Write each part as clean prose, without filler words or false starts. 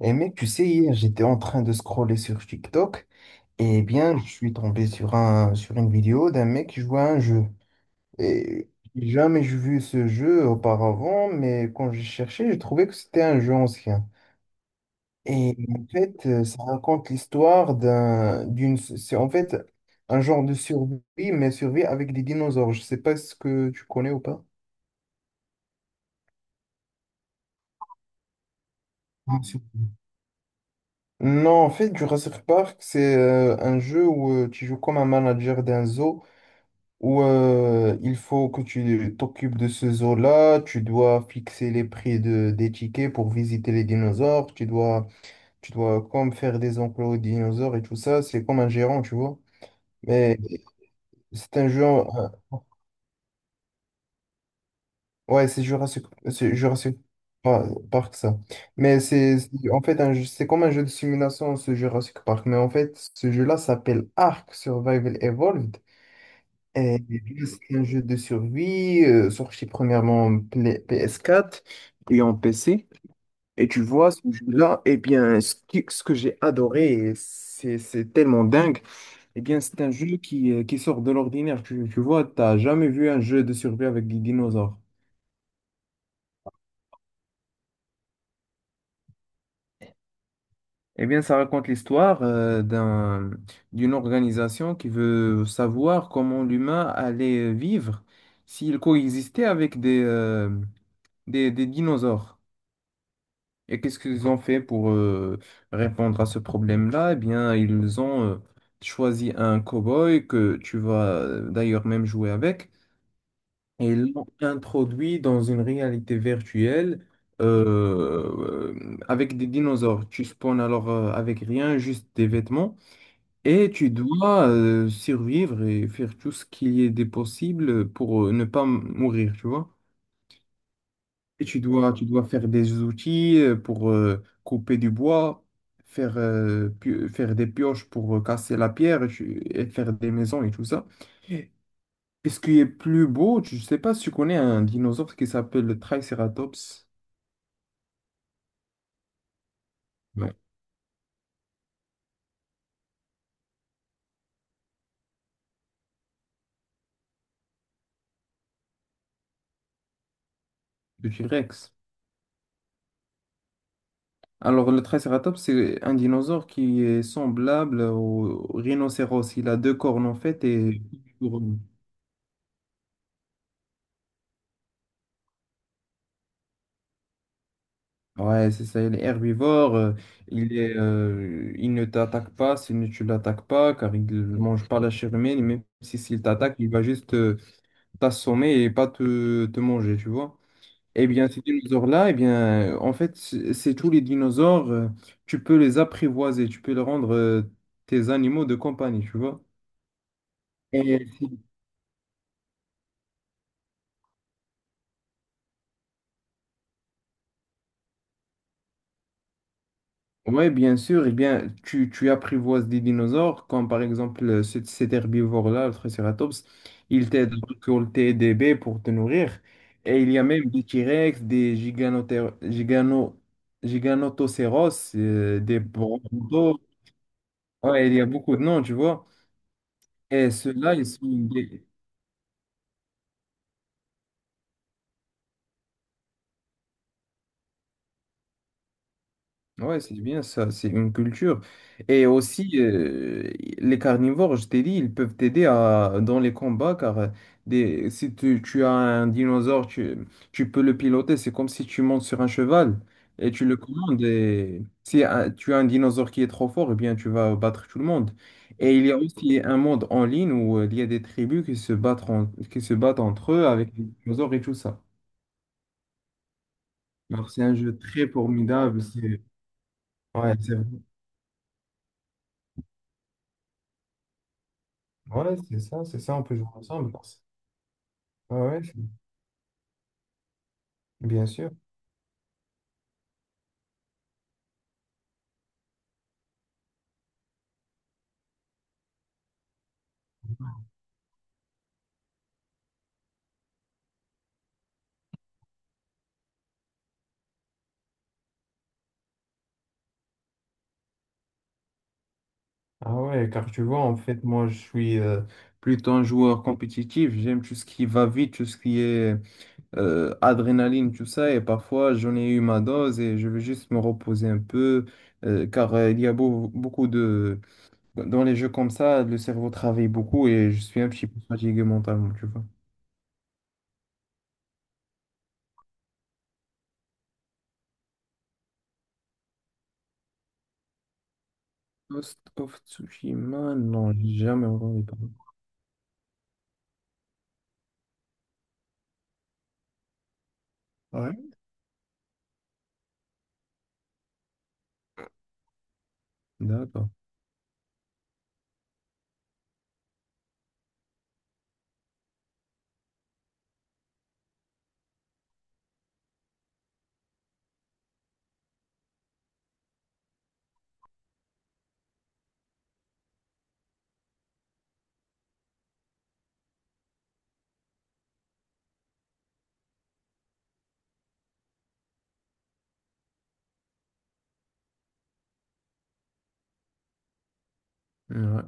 Et mec, tu sais, hier, j'étais en train de scroller sur TikTok et bien, je suis tombé sur une vidéo d'un mec qui jouait à un jeu. Et jamais j'ai vu ce jeu auparavant, mais quand j'ai cherché, j'ai trouvé que c'était un jeu ancien. Et en fait, ça raconte l'histoire, c'est en fait un genre de survie, mais survie avec des dinosaures. Je sais pas ce que tu connais ou pas. Bien sûr. Non, en fait, Jurassic Park, c'est un jeu où tu joues comme un manager d'un zoo où il faut que tu t'occupes de ce zoo-là, tu dois fixer des tickets pour visiter les dinosaures, tu dois comme faire des enclos aux dinosaures et tout ça, c'est comme un gérant, tu vois. Mais c'est un jeu... euh, ouais, c'est Jurassic Par- Park, ça. Mais c'est- en fait un jeu- c'est comme un jeu de simulation, ce Jurassic Park. Mais en fait, ce jeu-là s'appelle Ark Survival Evolved. Euh, C'est un jeu de survie sorti premièrement en PS4 et en PC. Et tu vois, ce jeu-là, eh bien, ce que j'ai adoré, et c'est tellement dingue, eh bien, c'est un jeu qui sort de l'ordinaire. Tu vois, t'as jamais vu un jeu de survie avec des dinosaures. Eh bien, ça raconte l'histoire d'une organisation qui veut savoir comment l'humain allait vivre s'il coexistait avec des dinosaures. Et qu'est-ce qu'ils ont fait pour répondre à ce problème-là? Eh bien, ils ont choisi un cow-boy que tu vas d'ailleurs même jouer avec et ils l'ont introduit dans une réalité virtuelle avec des dinosaures. Tu spawns alors avec rien, juste des vêtements et tu dois survivre et faire tout ce qu'il y ait de possible pour ne pas m- mourir, tu vois? Et tu dois faire des outils pour couper du bois, faire des pioches pour casser la pierre et et faire des maisons et tout ça. Et ce qui est plus beau, je ne sais pas si tu connais un dinosaure qui s'appelle le Triceratops. Non, le T-Rex. Alors, le Triceratops, c'est un dinosaure qui est semblable au rhinocéros. Il a deux cornes en fait. Et ouais, c'est ça, il est herbivore, il est, il ne t'attaque pas si tu l'attaques pas, car il ne mange pas la chair humaine, et même si s'il t'attaque, il va juste t'assommer et pas te manger, tu vois. Eh bien, ces dinosaures-là, eh bien, en fait, c'est tous les dinosaures, tu peux les apprivoiser, tu peux les rendre tes animaux de compagnie, tu vois. Et si oui, bien sûr. Eh bien, tu apprivoises des dinosaures, comme par exemple cet herbivore-là, le Triceratops. Il t'aide à récolter des baies pour te nourrir. Et il y a même des T-Rex, giganotocéros, des brontos. Ouais, il y a beaucoup de noms, tu vois. Et ceux-là, ils sont des. Ouais, c'est bien ça, c'est une culture. Et aussi, les carnivores, je t'ai dit, ils peuvent t'aider dans les combats car si tu as un dinosaure, tu peux le piloter. C'est comme si tu montes sur un cheval et tu le commandes. Et si tu as un dinosaure qui est trop fort, eh bien, tu vas battre tout le monde. Et il y a aussi un monde en ligne où il y a des tribus qui se battent, qui se battent entre eux avec les dinosaures et tout ça. Alors, c'est un jeu très formidable. C'est ouais, c'est ouais, c'est ça, on peut jouer ensemble. Ah ouais, c'est- bien sûr. Ah ouais, car tu vois, en fait, moi, je suis plutôt un joueur compétitif. J'aime tout ce qui va vite, tout ce qui est adrénaline, tout ça. Et parfois, j'en ai eu ma dose et je veux juste me reposer un peu, car il y a beau- beaucoup de... Dans les jeux comme ça, le cerveau travaille beaucoup et je suis un petit peu fatigué mentalement, tu vois. Ghost of Tsushima, non, j'ai jamais entendu parler. Ouais. D'accord. Ouais.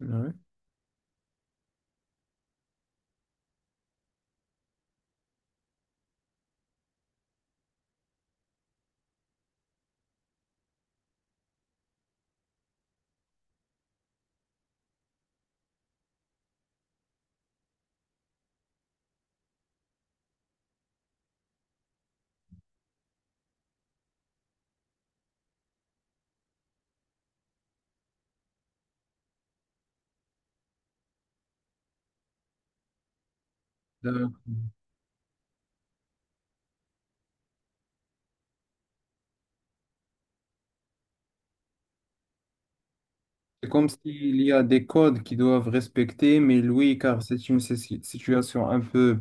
Ouais. D'accord. C'est comme s'il y a des codes qu'ils doivent respecter, mais lui, car c'est une situation un peu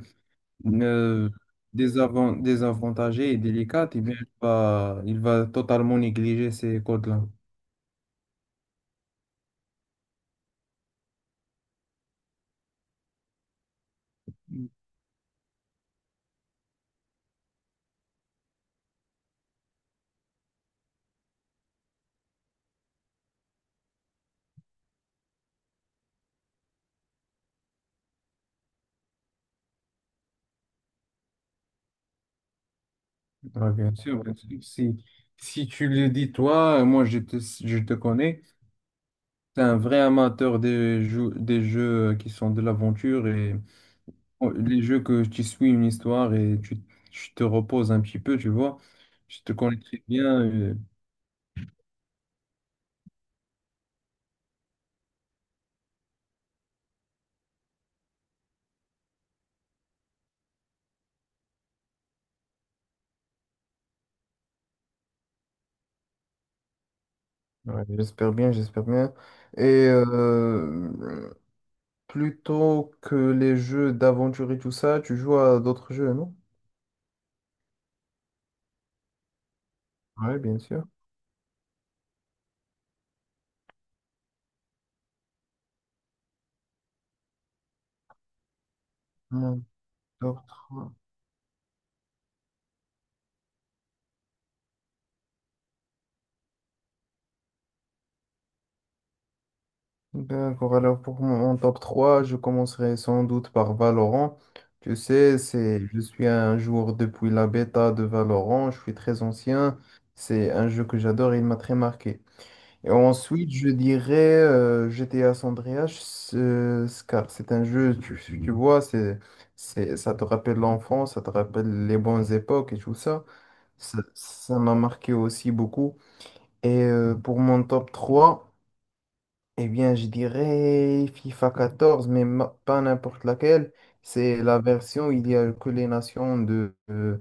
euh, désavantagée et délicate, eh bien, il va totalement négliger ces codes-là. Ouais, bien sûr, bien sûr. Si, si tu le dis toi, moi je te connais, tu es un vrai amateur des jeux qui sont de l'aventure et oh, les jeux que tu suis une histoire et tu te reposes un petit peu, tu vois. Je te connais très bien. Ouais, j'espère bien, j'espère bien. Et euh, plutôt que les jeux d'aventure et tout ça, tu joues à d'autres jeux, non? Ouais, bien sûr. Mon top trois. D'accord, alors pour mon top 3 je commencerai sans doute par Valorant. Tu sais, c'est, je suis un joueur depuis la bêta de Valorant, je suis très ancien. C'est un jeu que j'adore et il m'a très marqué. Et ensuite, je dirais GTA San Andreas, car c'est un jeu, tu vois, c'est, c'est, ça te rappelle l'enfance, ça te rappelle les bonnes époques et tout ça. Ça m'a marqué aussi beaucoup. Et pour mon top 3 eh bien, je dirais FIFA 14, mais pas n'importe laquelle. C'est la version où il y a que les nations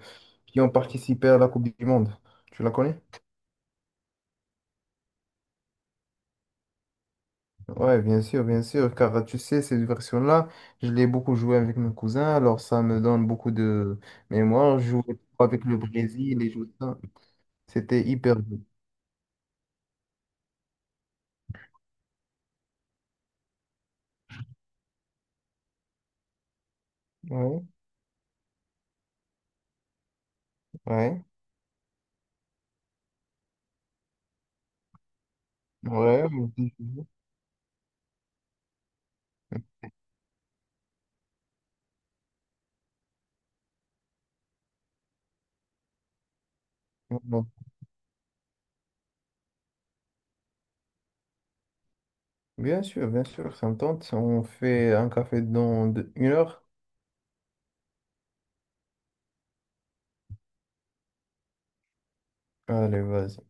qui ont participé à la Coupe du Monde. Tu la connais? Ouais, bien sûr, car tu sais, cette version-là, je l'ai beaucoup joué avec mes cousins, alors ça me donne beaucoup de mémoire. Je jouais avec le Brésil et tout ça. C'était hyper bien. Ouais, ouais, ouais. On dit toujours. Non. Bien sûr, ça me tente. On fait un café dans une heure. Allez, vas-y.